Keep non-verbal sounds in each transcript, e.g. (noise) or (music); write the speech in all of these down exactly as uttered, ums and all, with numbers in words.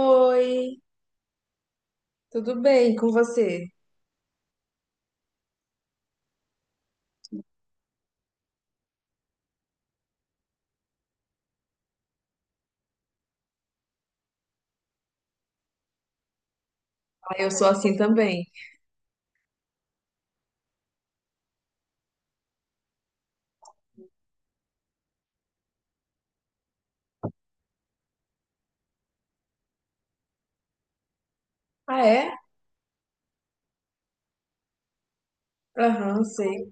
Oi, tudo bem com você? Ah, eu sou assim também. Ah, é? Aham, sei.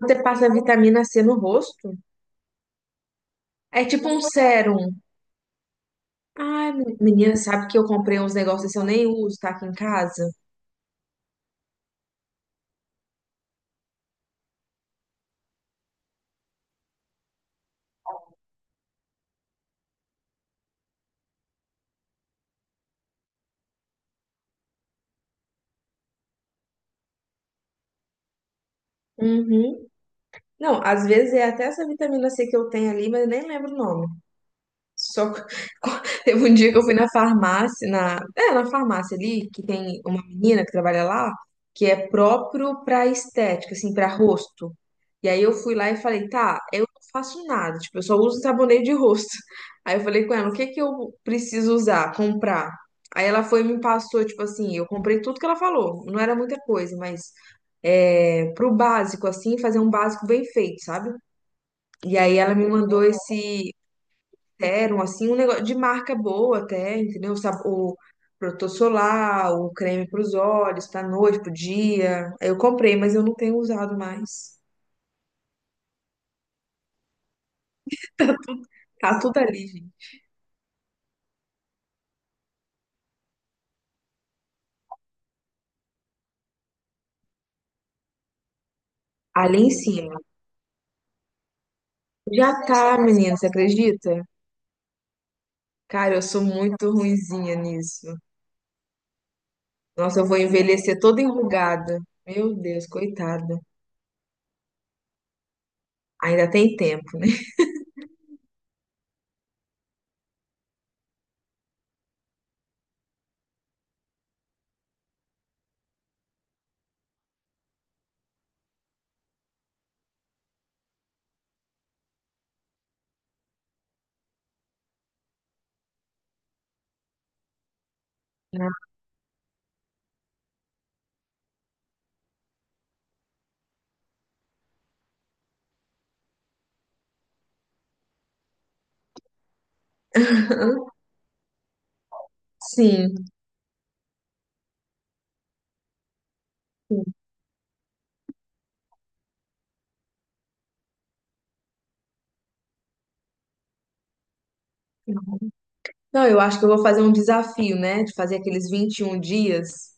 Você passa vitamina C no rosto? É tipo um sérum. Ai, men- menina, sabe que eu comprei uns negócios que eu nem uso, tá aqui em casa? Uhum. Não, às vezes é até essa vitamina C que eu tenho ali, mas eu nem lembro o nome. Só (laughs) teve um dia que eu fui na farmácia, na, é, na farmácia ali, que tem uma menina que trabalha lá, que é próprio pra estética, assim, pra rosto. E aí eu fui lá e falei, tá, eu não faço nada, tipo, eu só uso sabonete de rosto. (laughs) Aí eu falei com ela, o que que eu preciso usar, comprar? Aí ela foi e me passou, tipo assim, eu comprei tudo que ela falou, não era muita coisa, mas é, pro básico, assim, fazer um básico bem feito, sabe? E aí ela me mandou esse serum, assim, um negócio de marca boa até, entendeu? O, sab- o protetor solar, o creme para os olhos, pra noite, pro dia. Eu comprei, mas eu não tenho usado mais. Tá tudo ali, gente. Ali em cima. Já tá, menina, você acredita? Cara, eu sou muito ruinzinha nisso. Nossa, eu vou envelhecer toda enrugada. Meu Deus, coitada. Ainda tem tempo, né? (laughs) Sim. Não, eu acho que eu vou fazer um desafio, né? De fazer aqueles vinte e um dias.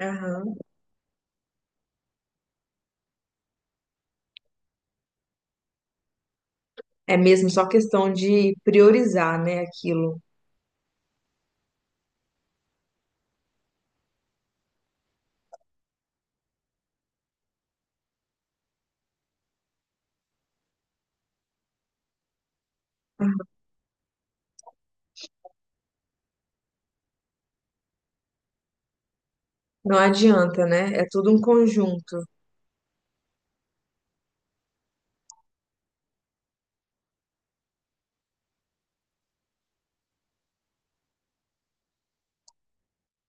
Aham. É mesmo só questão de priorizar, né, aquilo. Não adianta, né? É tudo um conjunto.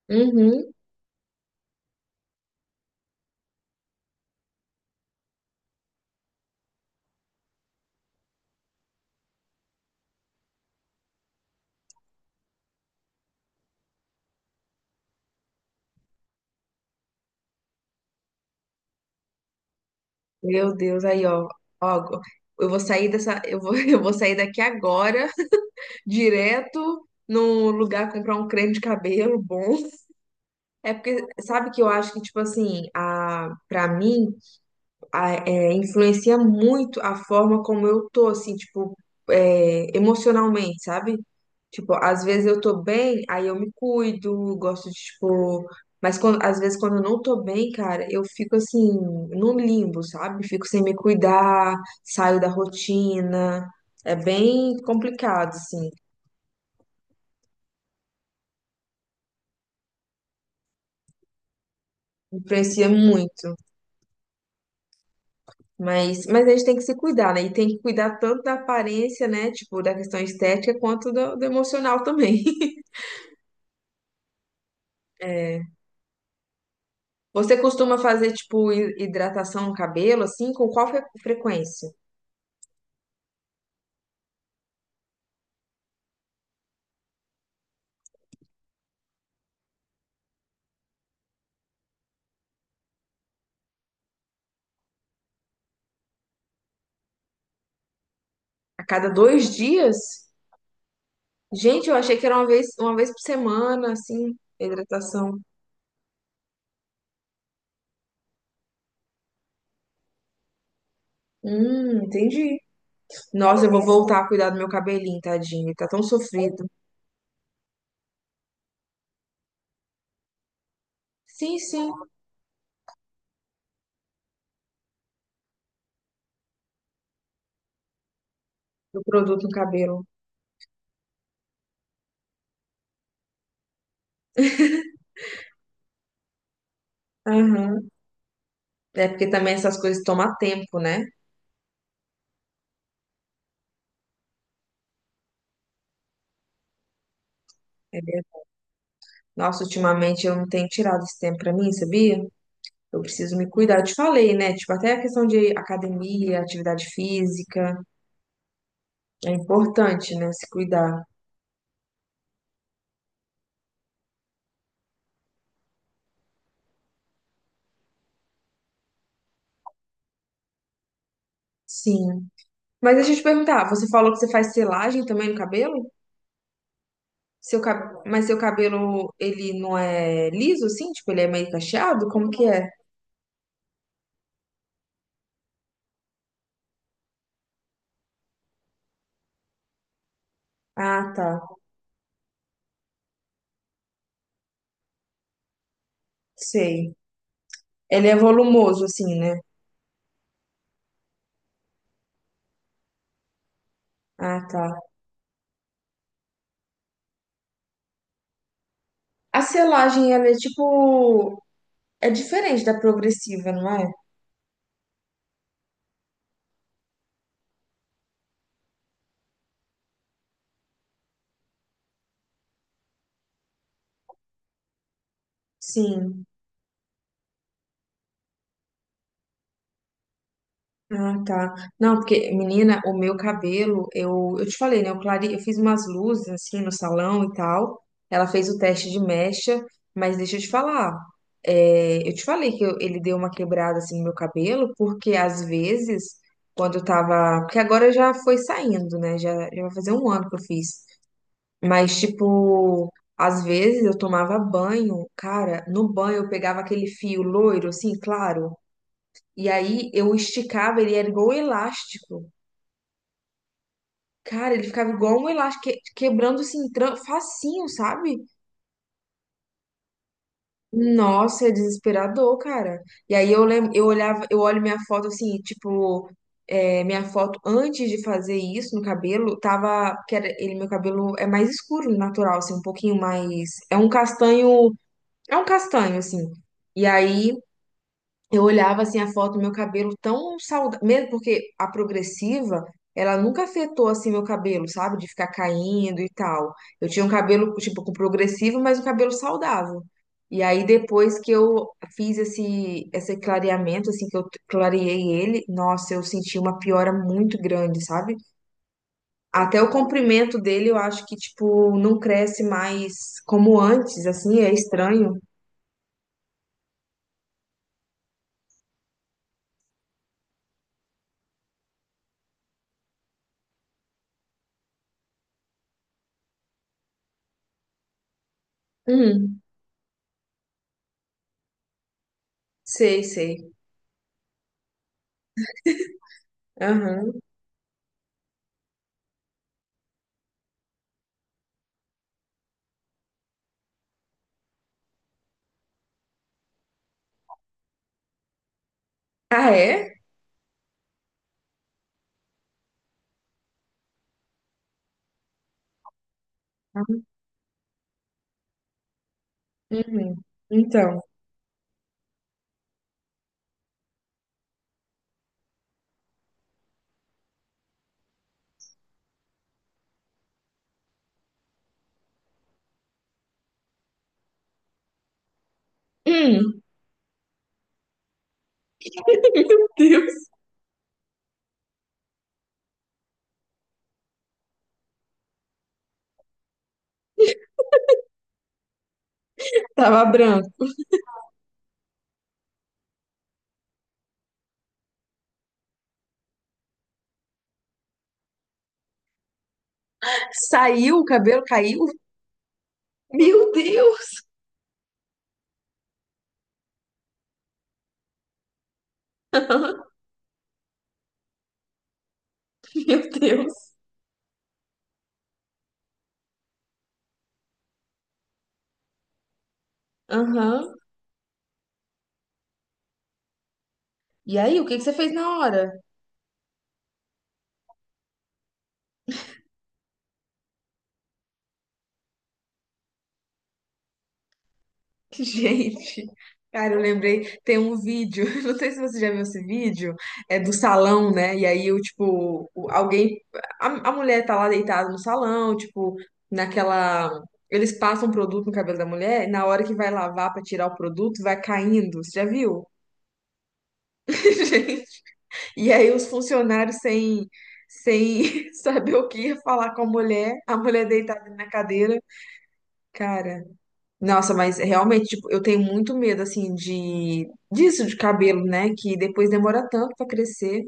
Uhum. Meu Deus, aí, ó. Ó, eu vou sair dessa, eu vou, (laughs) eu vou sair daqui agora, direto num lugar comprar um creme de cabelo bom. É porque sabe que eu acho que tipo assim, a para mim a- é, influencia muito a forma como eu tô, assim, tipo, é, emocionalmente, sabe? Tipo, às vezes eu tô bem, aí eu me cuido, gosto de, tipo. Mas quando- às vezes quando eu não tô bem, cara, eu fico assim, num limbo, sabe? Fico sem me cuidar, saio da rotina. É bem complicado, assim. Influencia muito. Mas, mas a gente tem que se cuidar, né? E tem que cuidar tanto da aparência, né? Tipo, da questão estética, quanto do, do emocional também. (laughs) É. Você costuma fazer, tipo, hi- hidratação no cabelo, assim, com qual fre- frequência? A cada dois dias? Gente, eu achei que era uma vez, uma vez por semana, assim, hidratação. Hum, entendi. Nossa, eu vou voltar a cuidar do meu cabelinho, tadinho. Ele tá tão sofrido. Sim, sim, do produto no cabelo. Aham. É porque também essas coisas tomam tempo, né? É verdade. Nossa, ultimamente eu não tenho tirado esse tempo pra mim, sabia? Eu preciso me cuidar. Eu te falei, né? Tipo, até a questão de academia, atividade física, é importante, né? Se cuidar. Sim. Mas deixa eu te perguntar, você falou que você faz selagem também no cabelo? Seu cab... Mas seu cabelo, ele não é liso, assim? Tipo, ele é meio cacheado? Como que é? Ah, tá. Sei. Ele é volumoso, assim, né? Ah, tá. A selagem, ela é tipo. É diferente da progressiva, não é? Sim. Ah, tá. Não, porque, menina, o meu cabelo, eu, eu te falei, né? Eu, clare... eu fiz umas luzes assim no salão e tal. Ela fez o teste de mecha, mas deixa eu te falar. É, eu te falei que eu- ele deu uma quebrada assim no meu cabelo, porque às vezes, quando eu tava. Porque agora já foi saindo, né? Já, já vai fazer um ano que eu fiz. Mas, tipo, às vezes eu tomava banho, cara, no banho eu pegava aquele fio loiro, assim, claro. E aí eu esticava, ele era igual um elástico. Cara, ele ficava igual um elástico, que- quebrando assim, tran- facinho, sabe? Nossa, é desesperador, cara. E aí eu lembro, eu olhava, eu olho minha foto assim, tipo, é, minha foto antes de fazer isso no cabelo, tava, que era, ele, meu cabelo é mais escuro, natural, assim, um pouquinho mais, é um castanho, é um castanho, assim. E aí eu olhava assim a foto do meu cabelo tão saudável, mesmo porque a progressiva, ela nunca afetou assim meu cabelo, sabe? De ficar caindo e tal. Eu tinha um cabelo tipo com progressivo, mas um cabelo saudável. E aí depois que eu fiz esse esse clareamento assim que eu clareei ele, nossa, eu senti uma piora muito grande, sabe? Até o comprimento dele, eu acho que tipo não cresce mais como antes, assim, é estranho. Hum, sei, sei. Aham. Ah, é? Uhum. Então. Hum, meu Deus, tava branco. Saiu, o cabelo caiu. Meu Deus! (laughs) Meu Deus! Aham. E aí, o que que você fez na hora? (laughs) Gente, cara, eu lembrei, tem um vídeo, (laughs) não sei se você já viu esse vídeo, é do salão, né? E aí, eu, tipo, o- alguém, a, a mulher tá lá deitada no salão, tipo, naquela. Eles passam produto no cabelo da mulher, e na hora que vai lavar pra tirar o produto, vai caindo. Você já viu? (laughs) E aí os funcionários sem, sem (laughs) saber o que ia falar com a mulher, a mulher deitada na cadeira. Cara, nossa, mas realmente, tipo, eu tenho muito medo, assim, de disso de cabelo, né? Que depois demora tanto pra crescer.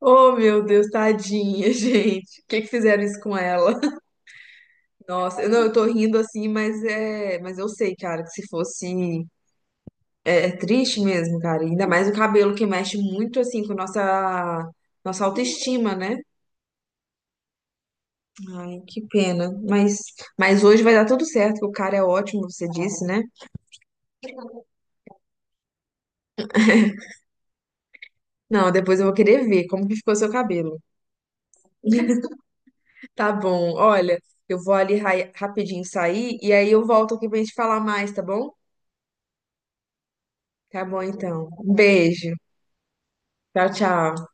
Oh, meu Deus, tadinha, (laughs) gente. O que que fizeram isso com ela? Nossa, eu- não, eu tô rindo assim, mas é, mas eu sei, cara, que se fosse é, é triste mesmo, cara. Ainda mais o cabelo que mexe muito assim com nossa nossa autoestima, né? Ai, que pena. Mas, mas hoje vai dar tudo certo, que o cara é ótimo, você disse, né? Não, depois eu vou querer ver como que ficou seu cabelo. (laughs) Tá bom, olha, eu vou ali ra- rapidinho sair e aí eu volto aqui pra gente falar mais, tá bom? Tá bom, então. Um beijo. Tchau, tchau.